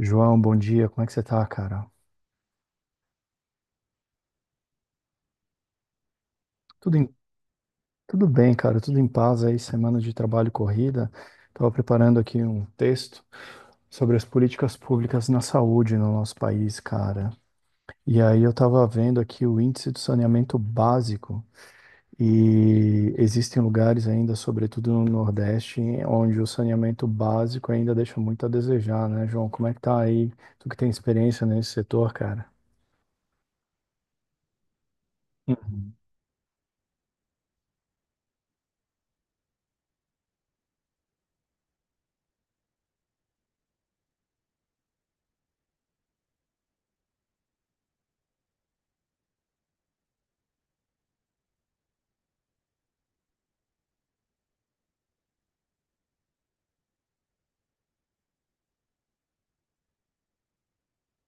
João, bom dia. Como é que você tá, cara? Tudo em- tudo bem, cara. Tudo em paz aí, semana de trabalho corrida. Tava preparando aqui um texto sobre as políticas públicas na saúde no nosso país, cara. E aí eu tava vendo aqui o índice do saneamento básico e existem lugares ainda, sobretudo no Nordeste, onde o saneamento básico ainda deixa muito a desejar, né, João? Como é que tá aí? Tu que tem experiência nesse setor, cara? Uhum.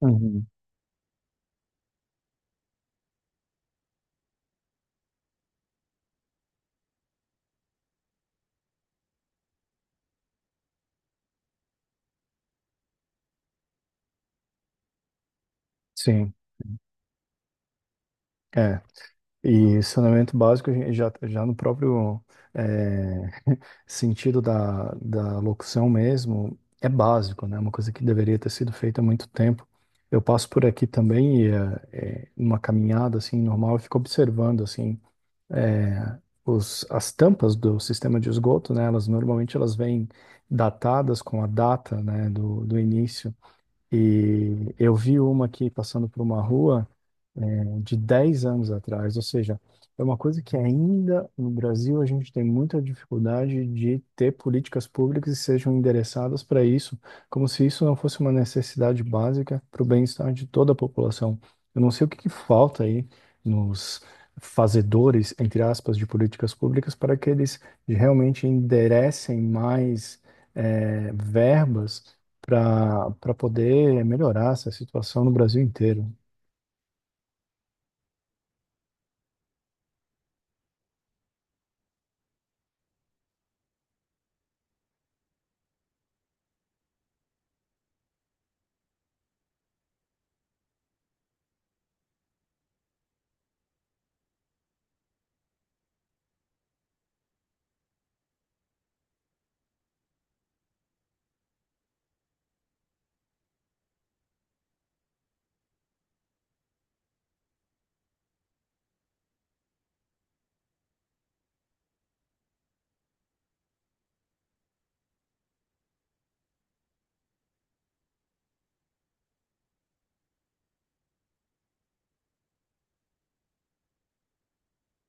Uhum. Sim. É. E saneamento básico, a gente já no próprio eh, sentido da locução mesmo, é básico, né? É uma coisa que deveria ter sido feita há muito tempo. Eu passo por aqui também, e, numa caminhada assim normal, eu fico observando assim eh, as tampas do sistema de esgoto, né? Elas normalmente elas vêm datadas com a data, né, do início. E eu vi uma aqui passando por uma rua de 10 anos atrás. Ou seja, é uma coisa que ainda no Brasil a gente tem muita dificuldade de ter políticas públicas que sejam endereçadas para isso, como se isso não fosse uma necessidade básica para o bem-estar de toda a população. Eu não sei o que que falta aí nos fazedores, entre aspas, de políticas públicas para que eles realmente enderecem mais verbas para poder melhorar essa situação no Brasil inteiro.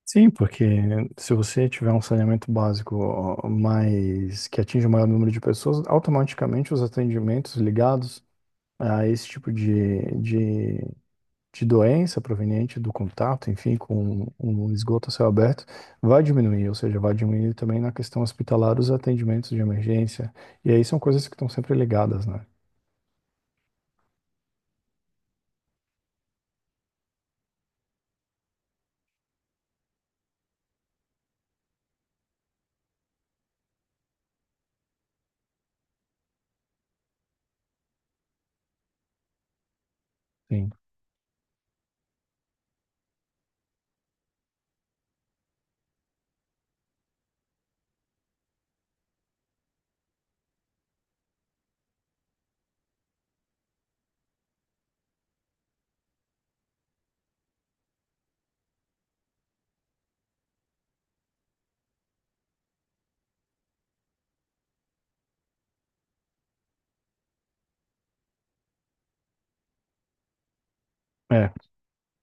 Sim, porque se você tiver um saneamento básico mais que atinge o maior número de pessoas, automaticamente os atendimentos ligados a esse tipo de doença proveniente do contato, enfim, com um esgoto a céu aberto, vai diminuir, ou seja, vai diminuir também na questão hospitalar os atendimentos de emergência. E aí são coisas que estão sempre ligadas, né? Sim. É.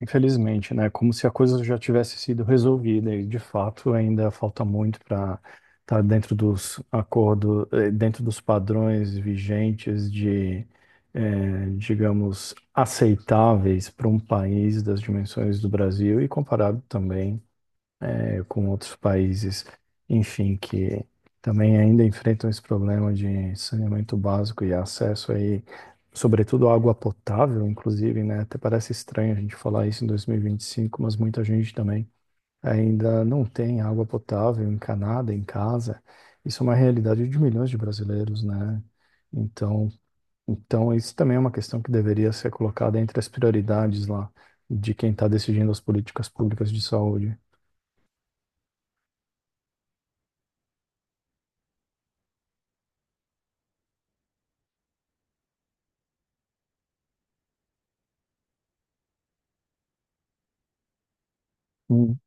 Infelizmente, né? Como se a coisa já tivesse sido resolvida e, de fato, ainda falta muito para estar dentro dos acordos, dentro dos padrões vigentes de, digamos, aceitáveis para um país das dimensões do Brasil e comparado também com outros países, enfim, que também ainda enfrentam esse problema de saneamento básico e acesso aí, sobretudo à água potável, inclusive, né? Até parece estranho a gente falar isso em 2025, mas muita gente também ainda não tem água potável encanada em casa. Isso é uma realidade de milhões de brasileiros, né? Então, então isso também é uma questão que deveria ser colocada entre as prioridades lá de quem está decidindo as políticas públicas de saúde. Hum,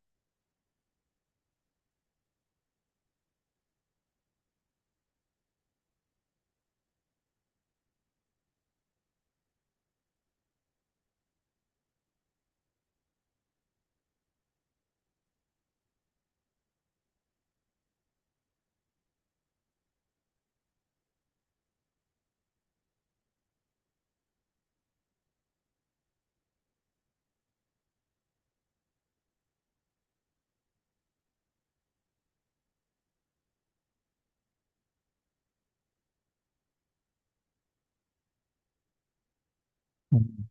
hum.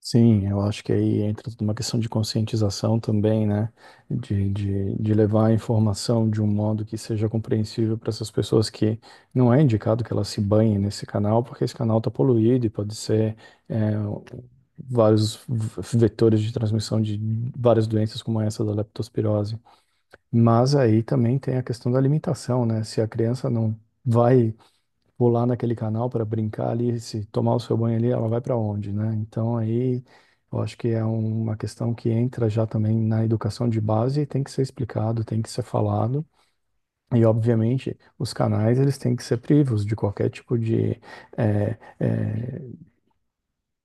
Sim, eu acho que aí entra tudo uma questão de conscientização também, né? De levar a informação de um modo que seja compreensível para essas pessoas que não é indicado que elas se banhem nesse canal, porque esse canal está poluído e pode ser é, vários vetores de transmissão de várias doenças como essa da leptospirose. Mas aí também tem a questão da alimentação, né? Se a criança não vai vou lá naquele canal para brincar ali, se tomar o seu banho ali, ela vai para onde, né? Então aí eu acho que é uma questão que entra já também na educação de base e tem que ser explicado, tem que ser falado. E obviamente os canais eles têm que ser privos de qualquer tipo de eh, eh,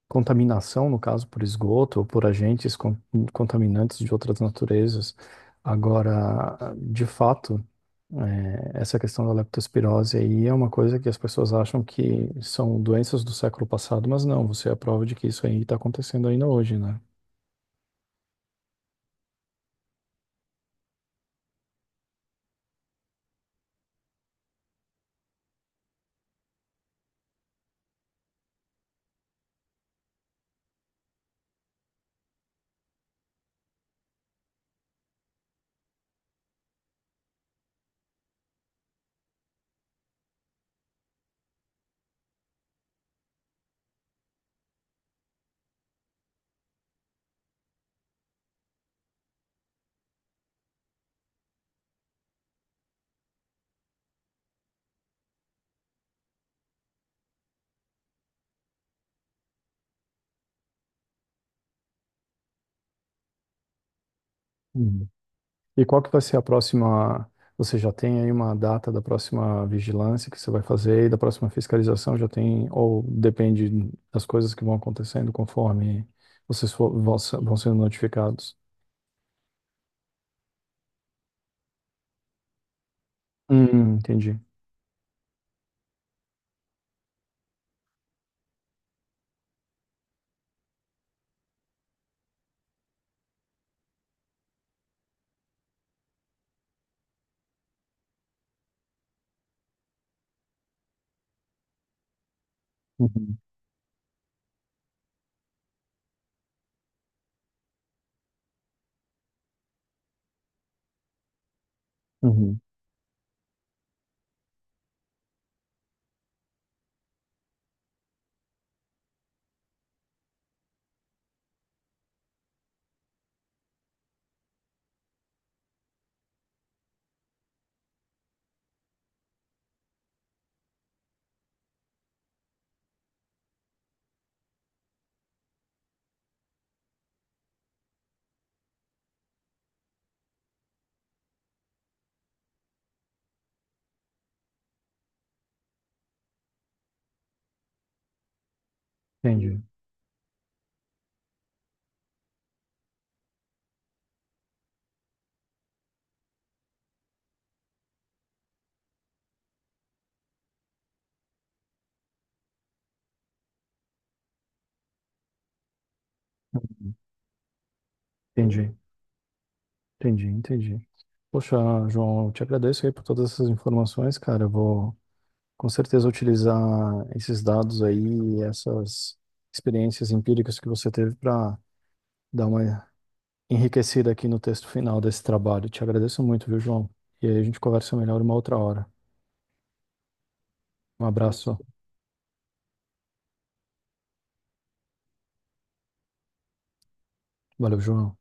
contaminação, no caso, por esgoto ou por agentes contaminantes de outras naturezas. Agora, de fato, essa questão da leptospirose aí é uma coisa que as pessoas acham que são doenças do século passado, mas não, você é a prova de que isso aí está acontecendo ainda hoje, né? E qual que vai ser a próxima? Você já tem aí uma data da próxima vigilância que você vai fazer e da próxima fiscalização? Já tem, ou depende das coisas que vão acontecendo conforme vocês for, vão, se- vão sendo notificados? Entendi. Uhum, uhum, entendi, entendi, entendi, entendi. Poxa, João, eu te agradeço aí por todas essas informações, cara. Eu vou com certeza utilizar esses dados aí, essas experiências empíricas que você teve para dar uma enriquecida aqui no texto final desse trabalho. Te agradeço muito, viu, João? E aí a gente conversa melhor uma outra hora. Um abraço. Valeu, João.